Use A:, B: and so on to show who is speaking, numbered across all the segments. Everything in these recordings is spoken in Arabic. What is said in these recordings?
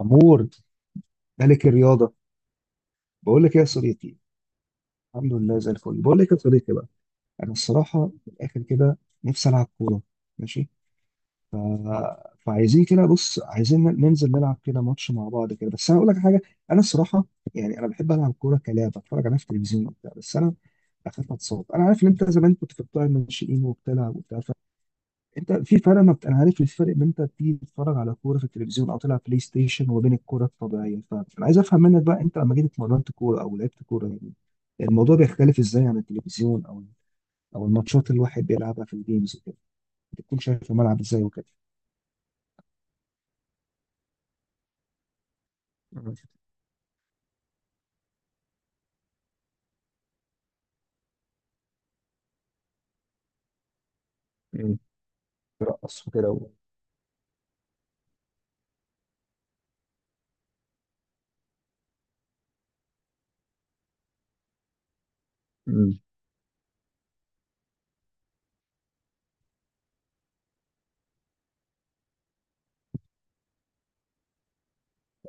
A: أمور ملك الرياضة. بقول لك إيه يا صديقي؟ الحمد لله زي الفل. بقول لك يا صديقي بقى، أنا الصراحة من الآخر كده نفسي ألعب كورة. ماشي. ف- فعايزين كده، بص، عايزين ننزل نلعب كده ماتش مع بعض كده، بس أنا أقول لك حاجة. أنا الصراحة يعني أنا بحب ألعب كورة كلاعب أتفرج عليها في التلفزيون وبتاع، بس أنا أخاف أتصاب. أنا عارف إن أنت زمان كنت في بتوع الناشئين وبتلعب وبتاع. انت في فرق ما انا عارف الفرق بين انت بتيجي تتفرج على كوره في التلفزيون او تلعب بلاي ستيشن وبين الكوره الطبيعيه، فانا عايز افهم منك بقى، انت لما جيت اتمرنت كوره او لعبت كوره يعني الموضوع بيختلف ازاي عن التلفزيون او الماتشات اللي الواحد بيلعبها في الجيمز وكده؟ بتكون شايف الملعب ازاي وكده؟ مم. مم. ترقص وكده مم.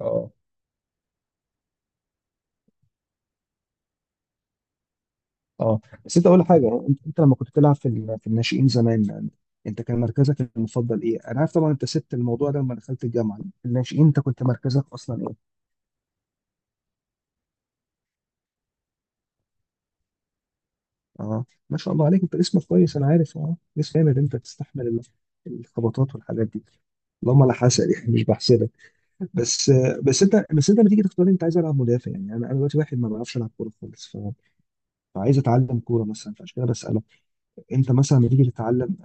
A: اه، اه، بس انت اقول لك حاجه، انت لما كنت بتلعب في في الناشئين زمان يعني انت كان مركزك المفضل ايه؟ انا عارف طبعا انت سبت الموضوع ده لما دخلت الجامعه، في الناشئين انت كنت مركزك اصلا ايه؟ اه، ما شاء الله عليك، انت اسمك كويس، انا عارف، اه اسم جامد، انت تستحمل الخبطات والحاجات دي. اللهم لا حسد يعني مش بحسدك. بس بس انت لما تيجي تختار انت عايز العب مدافع يعني؟ انا دلوقتي واحد ما بعرفش العب كوره خالص، فعايز اتعلم كوره مثلا، فعشان كده بسالك. انت مثلا لما تيجي تتعلم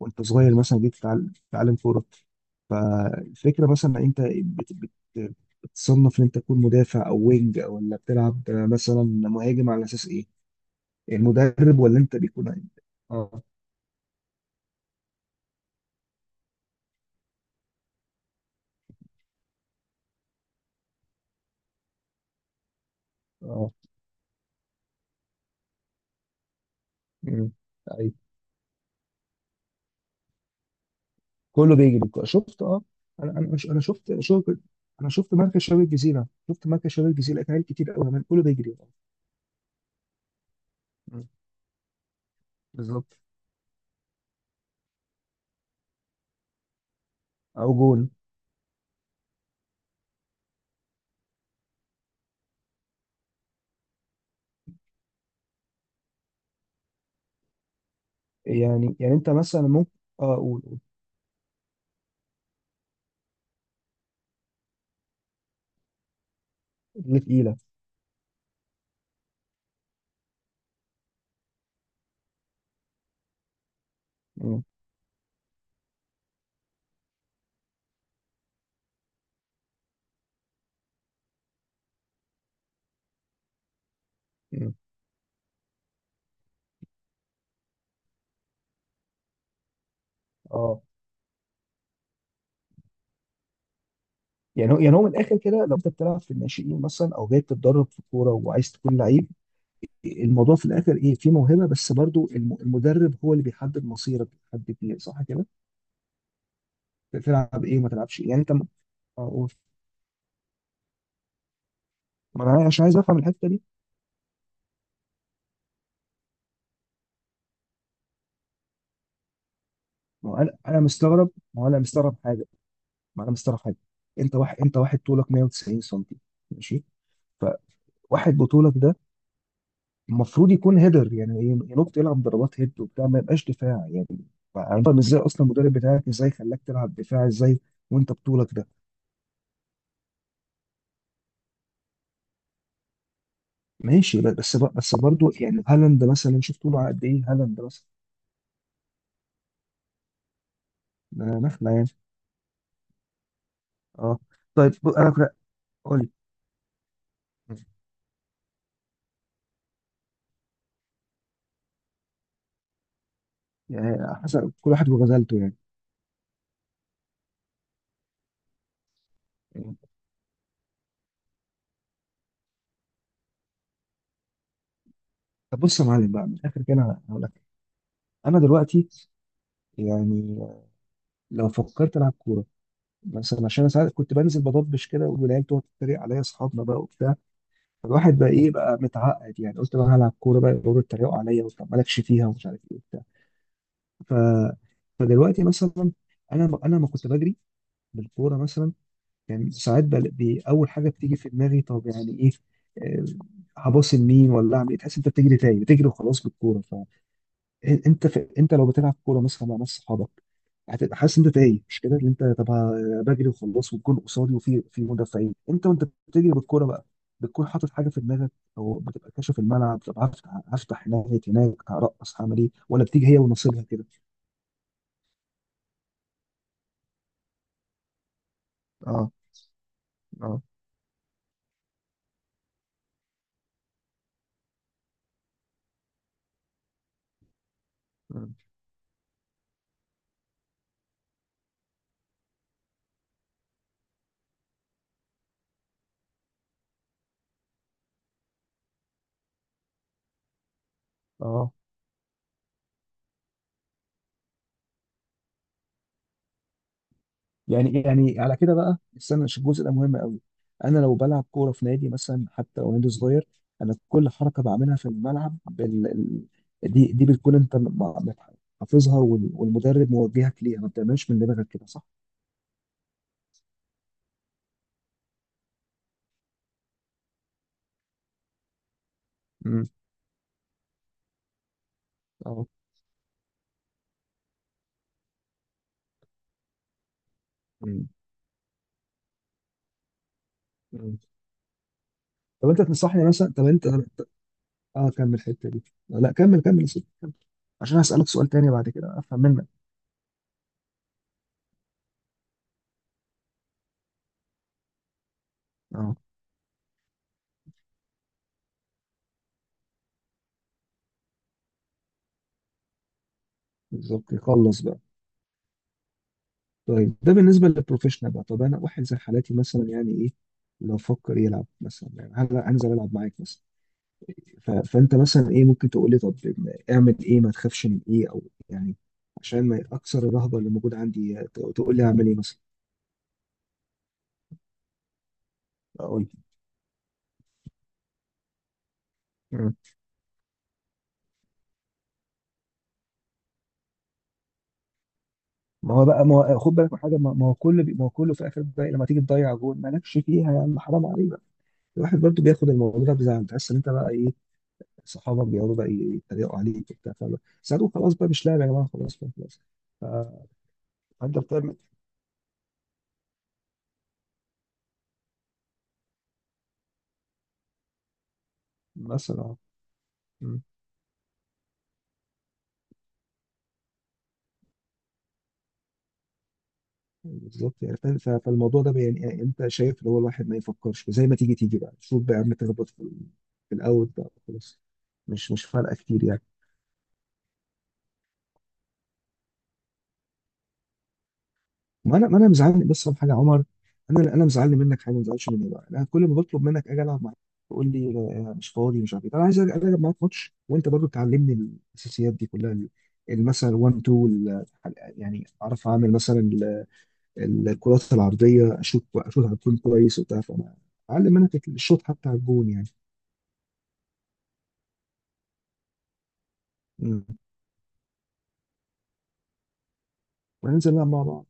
A: وانت صغير مثلا جيت تتعلم كوره، فالفكره مثلا انت بت بت بتصنف ان انت تكون مدافع او وينج او ولا بتلعب مثلا مهاجم على اساس ايه؟ المدرب ولا انت بيكون؟ اه. اه. مم. ايوه، كله بيجري، شفت، اه. انا مش انا شفت انا شفت مركز شباب الجزيره، شفت مركز شباب الجزيره، لقيت عيال كتير قوي كمان كله بيجري. مم. بالظبط. او جون. يعني انت مثلا ممكن، اه قول، قول. اللي تقيله. مم. مم. اه. يعني هو من الاخر كده، لو انت بتلعب في الناشئين مثلا او جاي تتدرب في الكوره وعايز تكون لعيب الموضوع في الاخر ايه؟ في موهبه، بس برضو المدرب هو اللي بيحدد مصيرك، بيحدد ايه، صح كده؟ تلعب ايه وما تلعبش إيه. يعني انت اه، قول. ما انا عشان عايز افهم الحته دي. ما هو انا مستغرب، ما هو انا مستغرب حاجه، ما انا مستغرب حاجه. انت واحد طولك 190 سم. ماشي. فواحد بطولك ده المفروض يكون هيدر يعني، ينط يلعب ضربات هيد وبتاع، ما يبقاش دفاع يعني. أنا فاهم ازاي اصلا المدرب بتاعك ازاي خلاك تلعب دفاع ازاي وانت بطولك ده. ماشي، بس برضه يعني هالاند مثلا، شوف طوله قد ايه، هالاند مثلا ده نخله يعني. اه. طيب، انا قول لي. يعني حسب كل واحد وغزلته. يعني طب بص يا معلم بقى، من الاخر كده انا هقول لك، انا دلوقتي يعني لو فكرت العب كوره مثلا، عشان انا ساعات كنت بنزل بضبش كده والعيال تقعد تتريق عليا اصحابنا بقى وبتاع، فالواحد بقى ايه بقى متعقد يعني، قلت بقى هلعب كوره بقى يقعدوا يتريقوا عليا، وطب مالكش فيها ومش عارف ايه وبتاع. ف فدلوقتي مثلا، انا ما كنت بجري بالكوره مثلا يعني، ساعات بقى اول حاجه بتيجي في دماغي طب يعني ايه؟ آه، هباص لمين ولا اعمل ايه؟ تحس انت بتجري تاني، بتجري وخلاص بالكوره. انت لو بتلعب كوره مثلا مع ناس صحابك هتبقى حاسس ان انت تايه، مش كده؟ اللي انت، طب بجري وخلاص والجون قصادي وفي، في مدافعين، انت وانت بتجري بالكوره بقى بتكون حاطط حاجه في دماغك، او بتبقى كاشف الملعب؟ طب هفتح هناك هناك، هرقص، هعمل ايه، ولا بتيجي هي ونصيبها كده؟ اه. اه. مم. اه. يعني إيه؟ يعني على كده بقى، استنى عشان الجزء ده مهم قوي. انا لو بلعب كوره في نادي مثلا، حتى لو نادي صغير، انا كل حركه بعملها في الملعب دي بتكون انت حافظها والمدرب موجهك ليها، ما بتعملش من دماغك كده، صح؟ امم. اه. امم. أمم. طب انت تنصحني مثلا، طب انت، اه كمل الحته دي. لا كمل، كمل يا سيدي، كمل، عشان هسألك سؤال تاني بعد كده افهم منك. اه. بالظبط، خلص بقى. طيب ده بالنسبة للبروفيشنال بقى، طب أنا واحد زي حالاتي مثلا يعني إيه؟ لو فكر يلعب مثلا يعني هل هنزل ألعب معاك مثلا؟ فأنت مثلا إيه ممكن تقول لي؟ طب أعمل إيه؟ ما تخافش من إيه؟ أو يعني عشان ما أكسر الرهبة اللي موجودة عندي، تقول لي أعمل إيه مثلا. أقول لك. مم. ما هو خد بالك من حاجه، ما هو كله في الاخر بقى لما تيجي تضيع جول مالكش فيها يا عم، حرام عليك بقى. الواحد برضو بياخد الموضوع ده بزعل، تحس إن أنت بقى إيه، صحابك بيقعدوا بقى يتريقوا عليك وبتاع، فاهم؟ ساعتها خلاص بقى، مش لاعب يا جماعه، خلاص بقى خلاص. فانت بتعمل مثلا. آه. مم. بالظبط يعني، فاهم؟ فالموضوع ده يعني انت شايف اللي هو الواحد ما يفكرش، زي ما تيجي بقى، شوف بقى يا عم، تخبط في الاوت بقى خلاص، مش فارقه كتير يعني. ما انا مزعلني بس على حاجه يا عمر، انا مزعلني منك حاجه، ما تزعلش مني بقى. انا كل ما بطلب منك اجي العب معاك تقول لي مش فاضي، مش عارف ايه. انا عايز أجي العب معاك ماتش وانت برضو تعلمني الاساسيات دي كلها، مثلا 1 2، يعني اعرف اعمل مثلا الكرات العرضيه، اشوط على الجون كويس وبتاع، فانا اعلم منك الشوط حتى على الجون يعني. امم. وننزل نلعب مع بعض.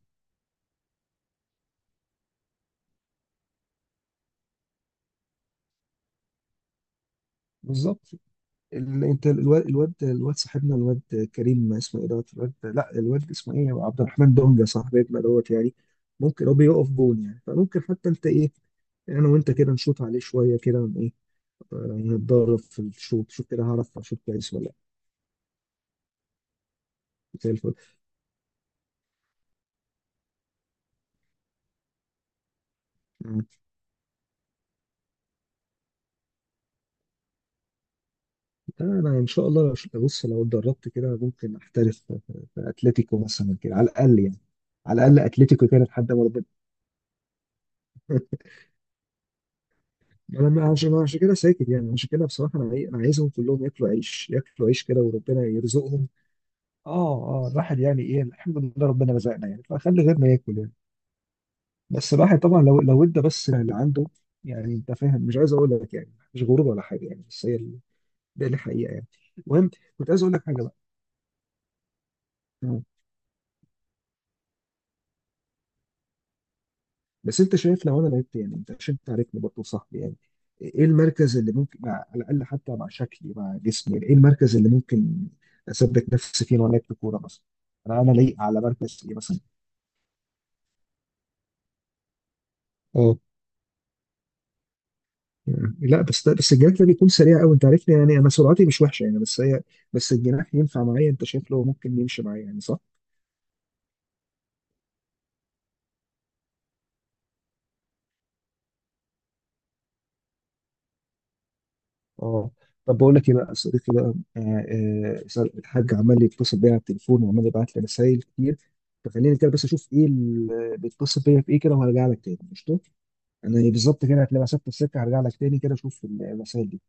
A: بالظبط. انت الواد، صاحبنا الواد كريم اسمه ايه دوت الواد، لا، الواد اسمه ايه عبد الرحمن دونجا صاحبنا دوت يعني، ممكن هو بيقف جون يعني، فممكن حتى انت ايه، انا وانت كده نشوط عليه شويه كده ايه، نتدرب في الشوط. شوف كده هعرف اشوط كويس ولا لا. زي الفل. مم. انا ان شاء الله، بص لو اتدربت كده ممكن احترف في اتلتيكو مثلا كده على الاقل يعني، على الاقل اتلتيكو كده لحد ما ربنا. انا عشان كده ساكت يعني، عشان كده بصراحه انا، انا عايزهم كلهم ياكلوا عيش، ياكلوا عيش كده، وربنا يرزقهم. اه. اه. الواحد يعني ايه، الحمد لله ربنا رزقنا يعني فخلي غيرنا ياكل يعني. بس الواحد طبعا لو ادى بس اللي عنده، يعني انت فاهم، مش عايز اقول لك يعني مش غرور ولا حاجه يعني، بس هي ده الحقيقه يعني. المهم، كنت عايز اقول لك حاجه بقى، بس انت شايف لو انا لعبت، يعني انت عشان تعرفني برضه صاحبي يعني، ايه المركز اللي ممكن مع، على الاقل حتى مع شكلي مع جسمي، يعني ايه المركز اللي ممكن اثبت نفسي فيه وانا لعبت كوره مثلا؟ انا لايق على مركز ايه مثلا؟ اه. لا بس الجناح ده بيكون سريع قوي، انت عارفني يعني انا سرعتي مش وحشه يعني، بس هي، بس الجناح ينفع معايا؟ انت شايف له ممكن يمشي معايا يعني، صح؟ اه. طب بقول لك ايه بقى يا صديقي بقى، الحاج عمال يتصل بيا على التليفون وعمال يبعت لي رسايل كتير، فخليني كده بس اشوف ايه اللي بيتصل بيا في ايه كده، وهرجع لك تاني قشطه. انا بالظبط كده هتلاقي مسافه السكه، هرجع لك تاني كده اشوف الرسايل دي.